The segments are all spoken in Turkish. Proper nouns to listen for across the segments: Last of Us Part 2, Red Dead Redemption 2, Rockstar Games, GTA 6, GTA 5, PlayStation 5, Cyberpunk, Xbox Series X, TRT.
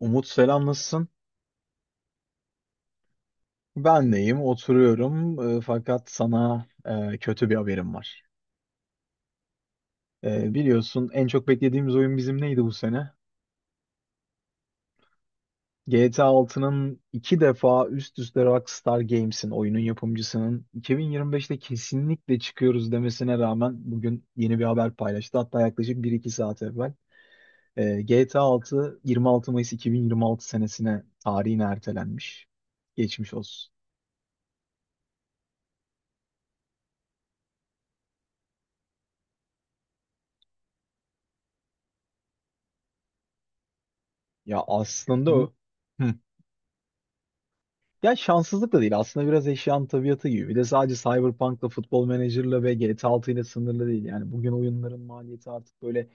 Umut, selam, nasılsın? Ben deyim oturuyorum, fakat sana kötü bir haberim var. Biliyorsun, en çok beklediğimiz oyun bizim neydi bu sene? GTA 6'nın iki defa üst üste Rockstar Games'in, oyunun yapımcısının, 2025'te kesinlikle çıkıyoruz demesine rağmen bugün yeni bir haber paylaştı. Hatta yaklaşık bir iki saat evvel. GTA 6 26 Mayıs 2026 senesine, tarihine ertelenmiş. Geçmiş olsun. Ya aslında o. Hı. Ya şanssızlık da değil. Aslında biraz eşyanın tabiatı gibi. Bir de sadece Cyberpunk'la, Football Manager'la ve GTA 6 ile sınırlı değil. Yani bugün oyunların maliyeti artık böyle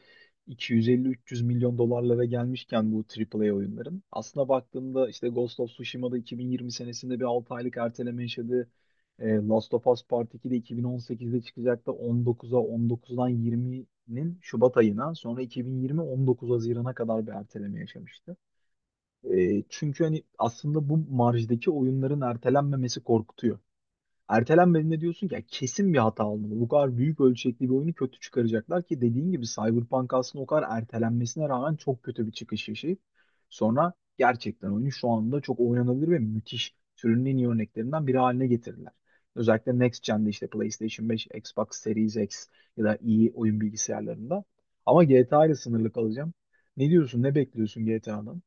250-300 milyon dolarlara gelmişken bu A A A oyunların. Aslında baktığımda işte Ghost of Tsushima'da 2020 senesinde bir 6 aylık erteleme yaşadığı, Last of Us Part 2 de 2018'de çıkacaktı. 19'a, 19'dan 20'nin Şubat ayına, sonra 2020 19 Haziran'a kadar bir erteleme yaşamıştı. Çünkü hani aslında bu marjdaki oyunların ertelenmemesi korkutuyor. Ertelenmediğinde diyorsun ki "Ya kesin bir hata olmalı. Bu kadar büyük ölçekli bir oyunu kötü çıkaracaklar" ki dediğin gibi Cyberpunk aslında o kadar ertelenmesine rağmen çok kötü bir çıkış yaşayıp sonra gerçekten oyunu şu anda çok oynanabilir ve müthiş, türünün en iyi örneklerinden biri haline getirdiler. Özellikle Next Gen'de, işte PlayStation 5, Xbox Series X ya da iyi oyun bilgisayarlarında. Ama GTA ile sınırlı kalacağım. Ne diyorsun, ne bekliyorsun GTA'dan?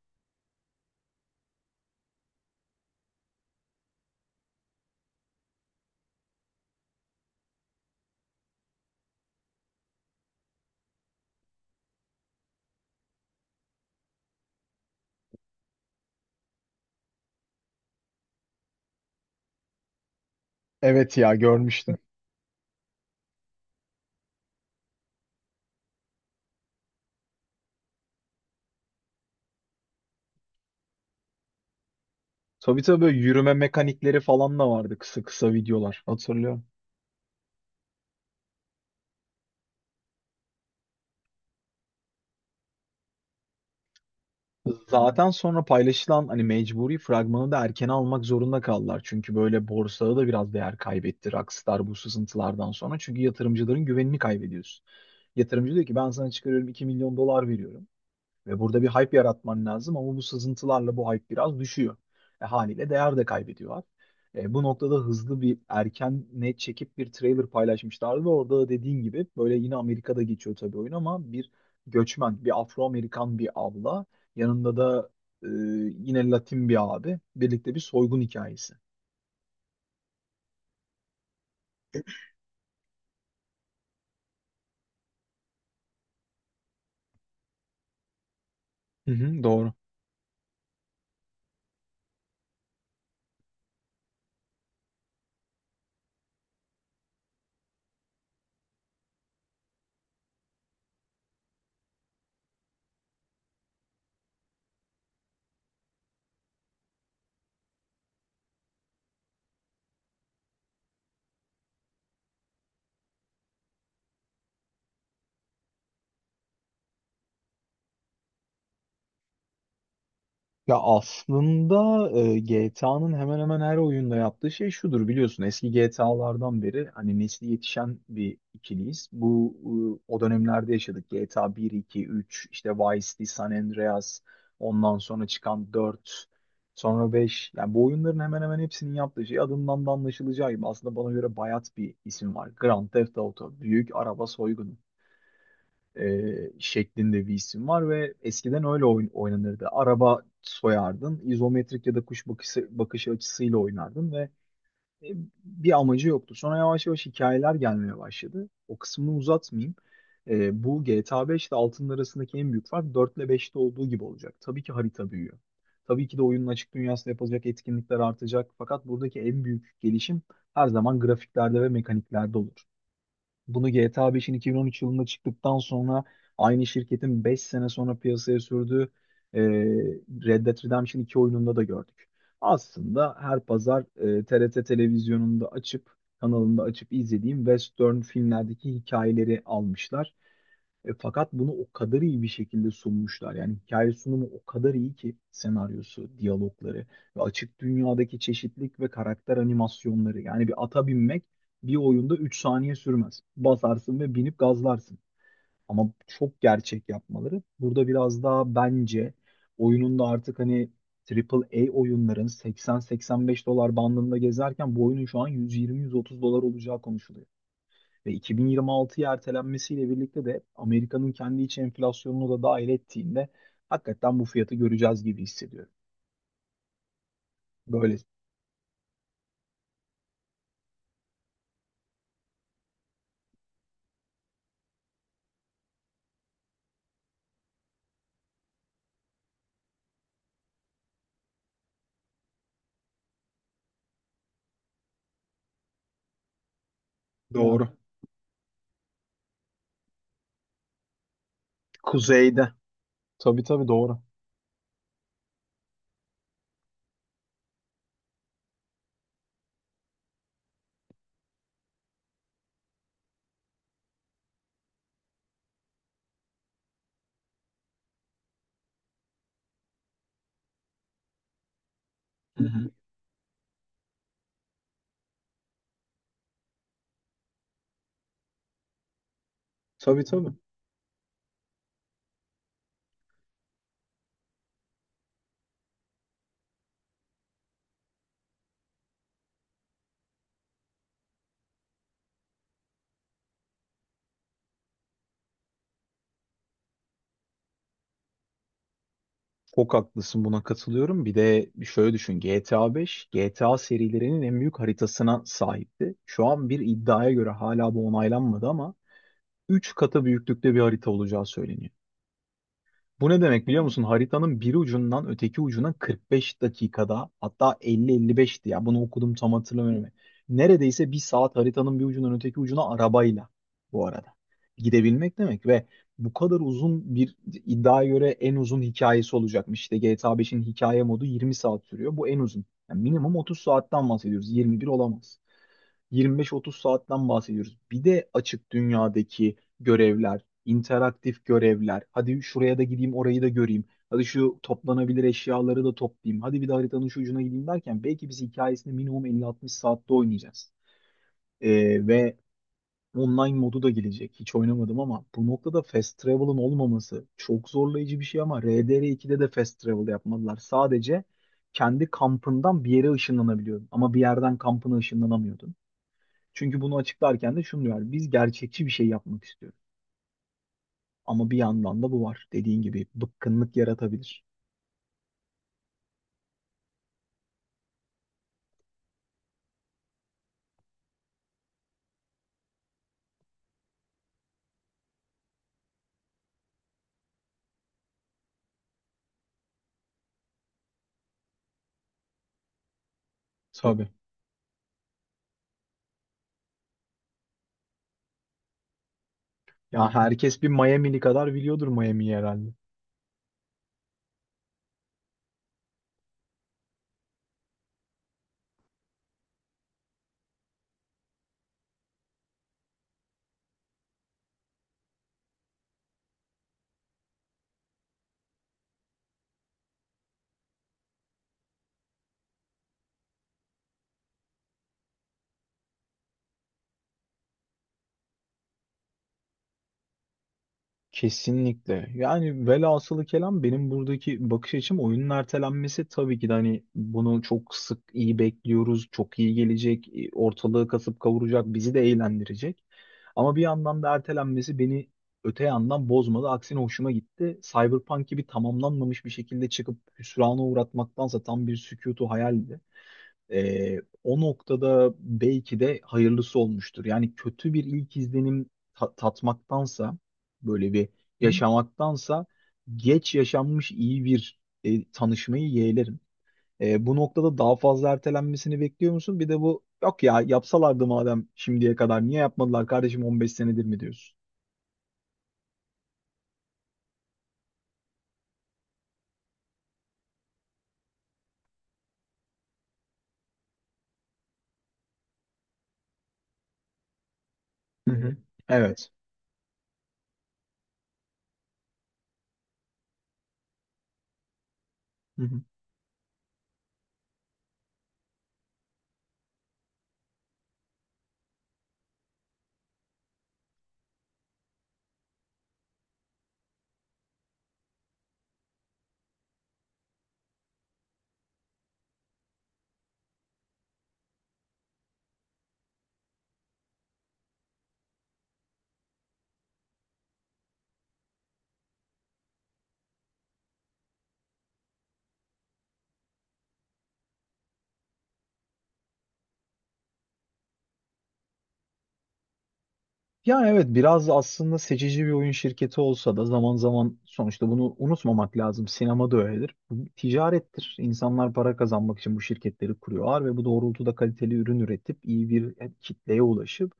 Evet, ya görmüştüm. Tabii tabii, böyle yürüme mekanikleri falan da vardı, kısa kısa videolar hatırlıyorum. Zaten sonra paylaşılan hani mecburi fragmanı da erken almak zorunda kaldılar. Çünkü böyle borsada da biraz değer kaybetti Rockstar bu sızıntılardan sonra. Çünkü yatırımcıların güvenini kaybediyorsun. Yatırımcı diyor ki ben sana çıkarıyorum, 2 milyon dolar veriyorum. Ve burada bir hype yaratman lazım, ama bu sızıntılarla bu hype biraz düşüyor. Haliyle değer de kaybediyorlar. Bu noktada hızlı bir erken net çekip bir trailer paylaşmışlardı ve orada da dediğin gibi böyle yine Amerika'da geçiyor tabii oyun, ama bir göçmen, bir Afro-Amerikan bir abla, yanında da e, yine Latin bir abi, birlikte bir soygun hikayesi. Hı hı, doğru. Ya aslında GTA'nın hemen hemen her oyunda yaptığı şey şudur, biliyorsun eski GTA'lardan beri hani nesli yetişen bir ikiliyiz. Bu o dönemlerde yaşadık. GTA 1, 2, 3, işte Vice City, San Andreas, ondan sonra çıkan 4, sonra 5, yani bu oyunların hemen hemen hepsinin yaptığı şey adından da anlaşılacağı gibi aslında bana göre bayat bir isim var. Grand Theft Auto, büyük araba soygunu şeklinde bir isim var ve eskiden öyle oynanırdı. Araba soyardın, izometrik ya da kuş bakışı, bakış açısıyla oynardın ve e, bir amacı yoktu. Sonra yavaş yavaş hikayeler gelmeye başladı. O kısmını uzatmayayım. Bu GTA 5 ile 6'nın arasındaki en büyük fark 4 ile 5'te olduğu gibi olacak. Tabii ki harita büyüyor. Tabii ki de oyunun açık dünyasında yapılacak etkinlikler artacak. Fakat buradaki en büyük gelişim her zaman grafiklerde ve mekaniklerde olur. Bunu GTA 5'in 2013 yılında çıktıktan sonra aynı şirketin 5 sene sonra piyasaya sürdüğü e, Red Dead Redemption 2 oyununda da gördük. Aslında her pazar TRT televizyonunda açıp, kanalında açıp izlediğim western filmlerdeki hikayeleri almışlar, fakat bunu o kadar iyi bir şekilde sunmuşlar. Yani hikaye sunumu o kadar iyi ki, senaryosu, diyalogları ve açık dünyadaki çeşitlilik ve karakter animasyonları. Yani bir ata binmek bir oyunda 3 saniye sürmez. Basarsın ve binip gazlarsın. Ama çok gerçek yapmaları. Burada biraz daha bence oyunun da artık hani Triple A oyunların 80-85 dolar bandında gezerken bu oyunun şu an 120-130 dolar olacağı konuşuluyor. Ve 2026'ya ertelenmesiyle birlikte de Amerika'nın kendi iç enflasyonunu da dahil ettiğinde hakikaten bu fiyatı göreceğiz gibi hissediyorum. Böyle. Doğru. Kuzeyde. Tabii tabii, doğru. Hı hı. Tabii tabii. Çok haklısın, buna katılıyorum. Bir de şöyle düşün, GTA 5 GTA serilerinin en büyük haritasına sahipti. Şu an bir iddiaya göre, hala bu onaylanmadı ama, 3 katı büyüklükte bir harita olacağı söyleniyor. Bu ne demek biliyor musun? Haritanın bir ucundan öteki ucuna 45 dakikada, hatta 50-55'ti ya, bunu okudum tam hatırlamıyorum. Neredeyse bir saat haritanın bir ucundan öteki ucuna arabayla, bu arada, gidebilmek demek. Ve bu kadar uzun bir, iddiaya göre en uzun hikayesi olacakmış. İşte GTA 5'in hikaye modu 20 saat sürüyor. Bu en uzun. Yani minimum 30 saatten bahsediyoruz. 21 olamaz. 25-30 saatten bahsediyoruz. Bir de açık dünyadaki görevler, interaktif görevler. Hadi şuraya da gideyim, orayı da göreyim. Hadi şu toplanabilir eşyaları da toplayayım. Hadi bir de haritanın şu ucuna gideyim derken belki biz hikayesini minimum 50-60 saatte oynayacağız. Ve online modu da gelecek. Hiç oynamadım, ama bu noktada fast travel'ın olmaması çok zorlayıcı bir şey, ama RDR2'de de fast travel yapmadılar. Sadece kendi kampından bir yere ışınlanabiliyordun, ama bir yerden kampına ışınlanamıyordun. Çünkü bunu açıklarken de şunu diyor: biz gerçekçi bir şey yapmak istiyoruz. Ama bir yandan da bu var. Dediğin gibi bıkkınlık yaratabilir. Tabii. Ya herkes bir Miami'li kadar biliyordur Miami'yi herhalde. Kesinlikle. Yani velhasılı kelam, benim buradaki bakış açım, oyunun ertelenmesi tabii ki de hani, bunu çok sık iyi bekliyoruz. Çok iyi gelecek. Ortalığı kasıp kavuracak. Bizi de eğlendirecek. Ama bir yandan da ertelenmesi beni öte yandan bozmadı. Aksine hoşuma gitti. Cyberpunk gibi tamamlanmamış bir şekilde çıkıp hüsrana uğratmaktansa, tam bir sükutu hayaldi. O noktada belki de hayırlısı olmuştur. Yani kötü bir ilk izlenim tatmaktansa, böyle bir Hı? yaşamaktansa, geç yaşanmış iyi bir tanışmayı yeğlerim. Bu noktada daha fazla ertelenmesini bekliyor musun? Bir de bu, yok ya, yapsalardı madem şimdiye kadar niye yapmadılar kardeşim, 15 senedir mi diyorsun? Hı hı. Evet. Yani evet, biraz aslında seçici bir oyun şirketi olsa da zaman zaman, sonuçta bunu unutmamak lazım. Sinema da öyledir. Bu bir ticarettir. İnsanlar para kazanmak için bu şirketleri kuruyorlar ve bu doğrultuda kaliteli ürün üretip iyi bir kitleye ulaşıp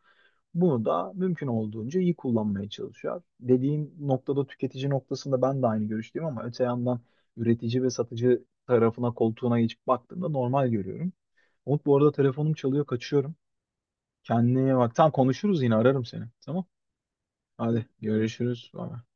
bunu da mümkün olduğunca iyi kullanmaya çalışıyor. Dediğin noktada, tüketici noktasında ben de aynı görüşteyim, ama öte yandan üretici ve satıcı tarafına, koltuğuna geçip baktığımda normal görüyorum. Umut, bu arada telefonum çalıyor, kaçıyorum. Kendine iyi bak. Tam konuşuruz, yine ararım seni. Tamam. Hadi görüşürüz. Bye.